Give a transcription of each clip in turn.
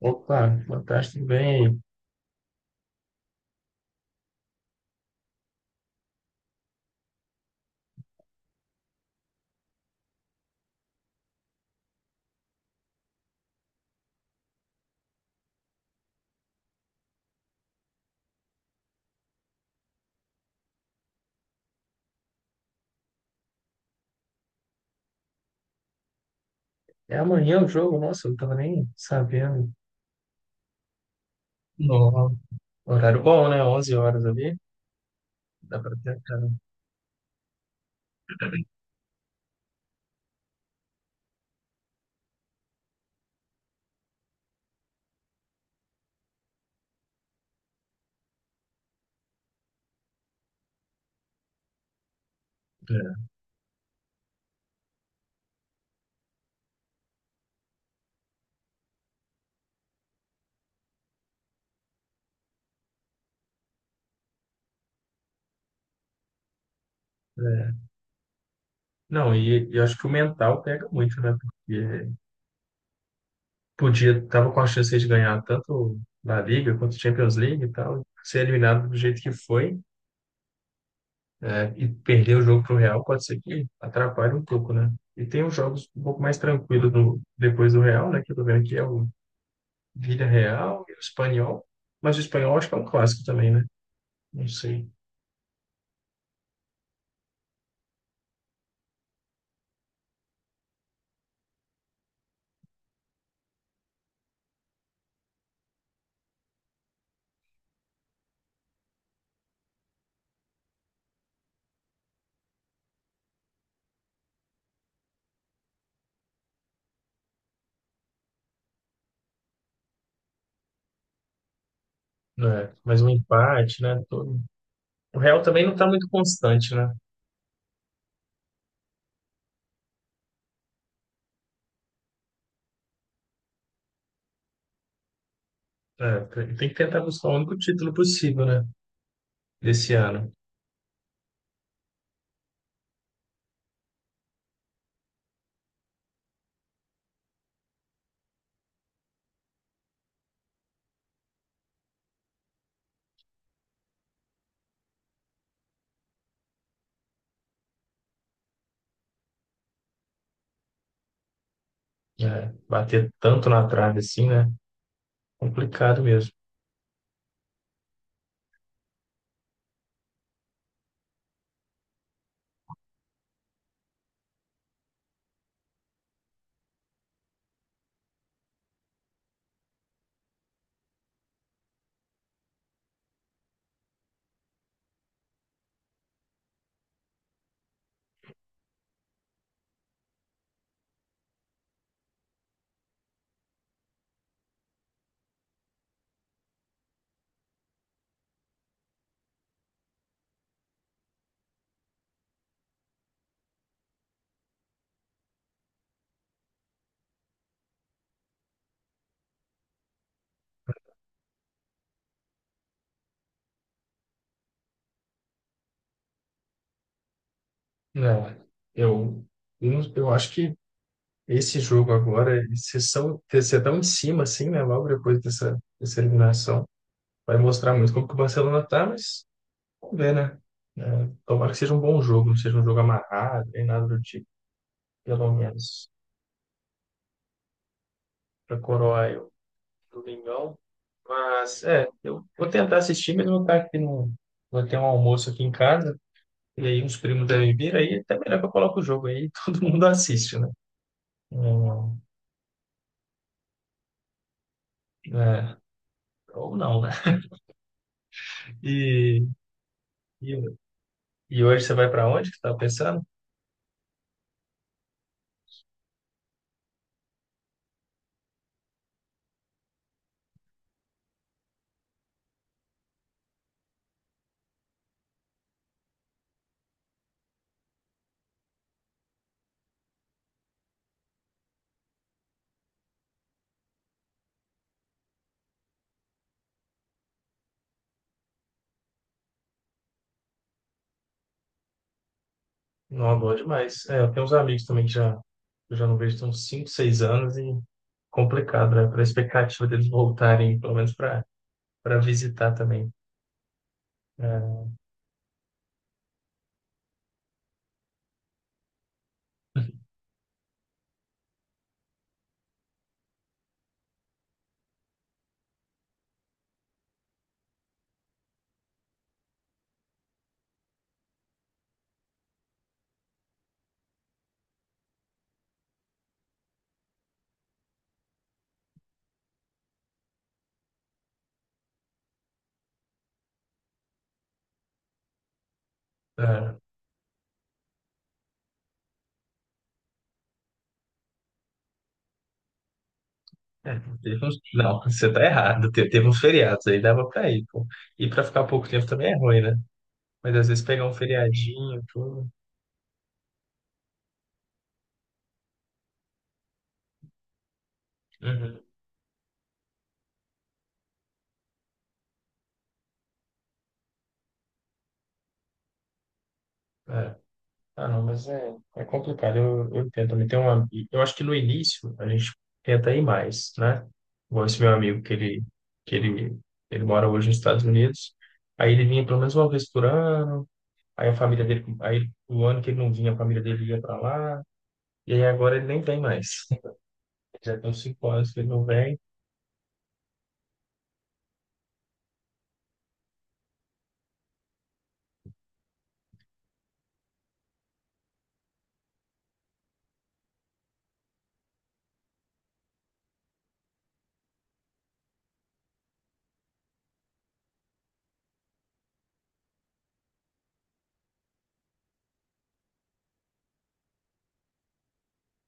Opa, fantástico, bem. É amanhã o jogo, nossa, eu não tava nem sabendo. Não. Horário bom, né? Onze horas ali, dá pra ter cara. É. É. Não, e eu acho que o mental pega muito, né? Porque podia, tava com a chance de ganhar tanto na Liga quanto Champions League e tal, ser eliminado do jeito que foi, é, e perder o jogo pro Real, pode ser que atrapalhe um pouco, né? E tem os jogos um pouco mais tranquilos no, depois do Real, né? Que eu tô vendo aqui é o Vila Real e o Espanhol. Mas o Espanhol acho que é um clássico também, né? Não sei. Né? Mas um empate, né? Todo... O Real também não está muito constante, né? É, tem que tentar buscar o único título possível, né? Desse ano. É, bater tanto na trave assim, né? Complicado mesmo. Né? Eu, eu, não- eu acho que esse jogo agora, vocês estão em cima, assim, né? Logo depois dessa, dessa eliminação, vai mostrar muito como que o Barcelona tá, mas vamos ver, né? É, tomara que seja um bom jogo, não seja um jogo amarrado, nem nada do tipo, pelo menos, para coroar eu, Domingão. Mas, é, eu vou tentar assistir, mas vou estar aqui no. Vou ter um almoço aqui em casa, e aí uns primos devem vir, aí é até melhor que eu coloque o jogo aí, todo mundo assiste, né? Hum, É, ou não, né? E, e, e hoje você vai para onde que você tá pensando? Não, bom demais. É, eu tenho uns amigos também que já, eu já não vejo tem uns 5, 6 anos e complicado, né? Para a expectativa deles voltarem, pelo menos para visitar também. É, é, é, teve não, você tá errado. Teve uns feriados aí, dava para ir, pô. E para ficar pouco tempo também é ruim, né? Mas às vezes pegar um feriadinho, tudo. Uhum. Ah, não, mas é, é complicado. Eu entendo também. Tem uma, eu acho que no início a gente tenta ir mais, né? Igual esse meu amigo que ele mora hoje nos Estados Unidos. Aí ele vinha pelo menos uma vez por ano. Aí a família dele, aí o ano que ele não vinha, a família dele ia para lá. E aí agora ele nem vem mais. Já tem uns 5 anos que ele não vem.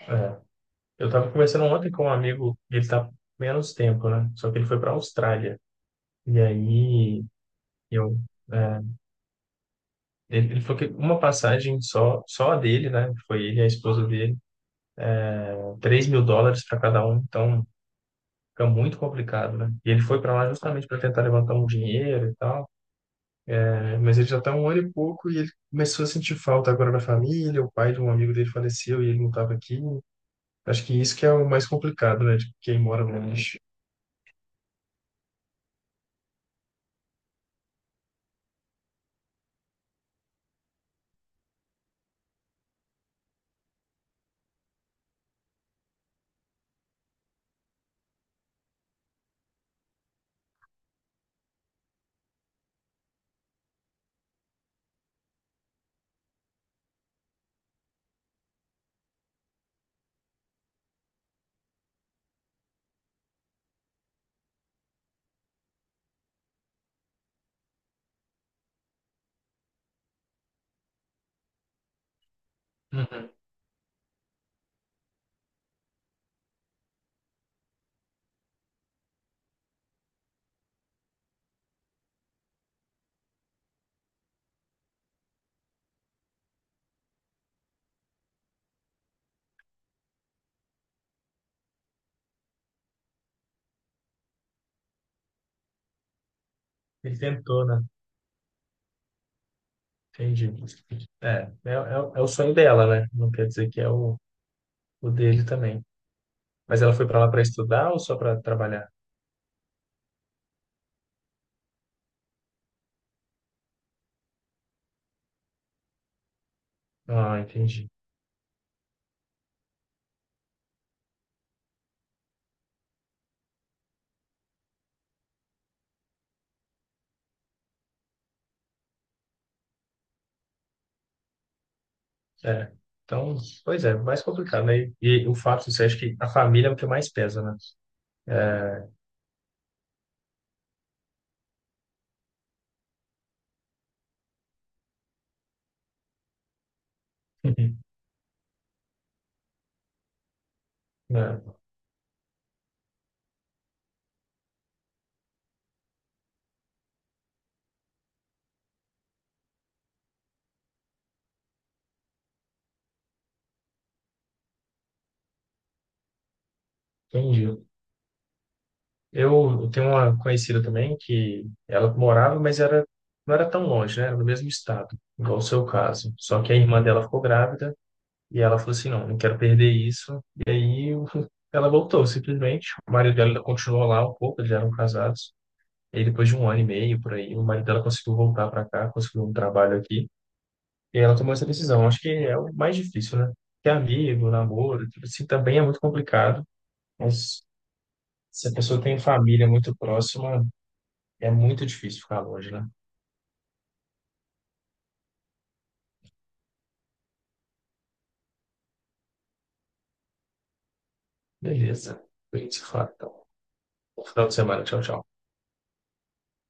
É. Eu tava conversando ontem com um amigo, e ele tá menos tempo, né? Só que ele foi para Austrália. E aí eu é, ele falou que uma passagem só, só a dele, né? Foi ele e a esposa dele, US$ 3.000 para cada um, então fica muito complicado, né? E ele foi para lá justamente para tentar levantar um dinheiro e tal, né? Mas ele já tá um ano e pouco e ele começou a sentir falta agora da família, o pai de um amigo dele faleceu e ele não estava aqui. Acho que isso que é o mais complicado, né? De quem mora longe. Uhum. Ele tentou, né? Entendi. É, é, é, o é o sonho dela, né? Não quer dizer que é o dele também. Mas ela foi para lá para estudar ou só para trabalhar? Ah, entendi. É. Então, pois é, mais complicado, né? E o fato, você acha que a família é o que mais pesa, né? Uhum. É, né? Entendi. Eu tenho uma conhecida também que ela morava, mas era, não era tão longe, né? Era no mesmo estado, igual o seu caso. Só que a irmã dela ficou grávida e ela falou assim, não, não quero perder isso. E aí ela voltou, simplesmente. O marido dela ainda continuou lá um pouco, eles já eram casados. E aí, depois de um ano e meio, por aí, o marido dela conseguiu voltar para cá, conseguiu um trabalho aqui. E ela tomou essa decisão. Acho que é o mais difícil, né? Ter amigo, namoro, tudo assim, também é muito complicado. Mas se a pessoa tem família muito próxima, é muito difícil ficar longe, né? Beleza. A gente se fala, então. Bom final de semana. Tchau, tchau.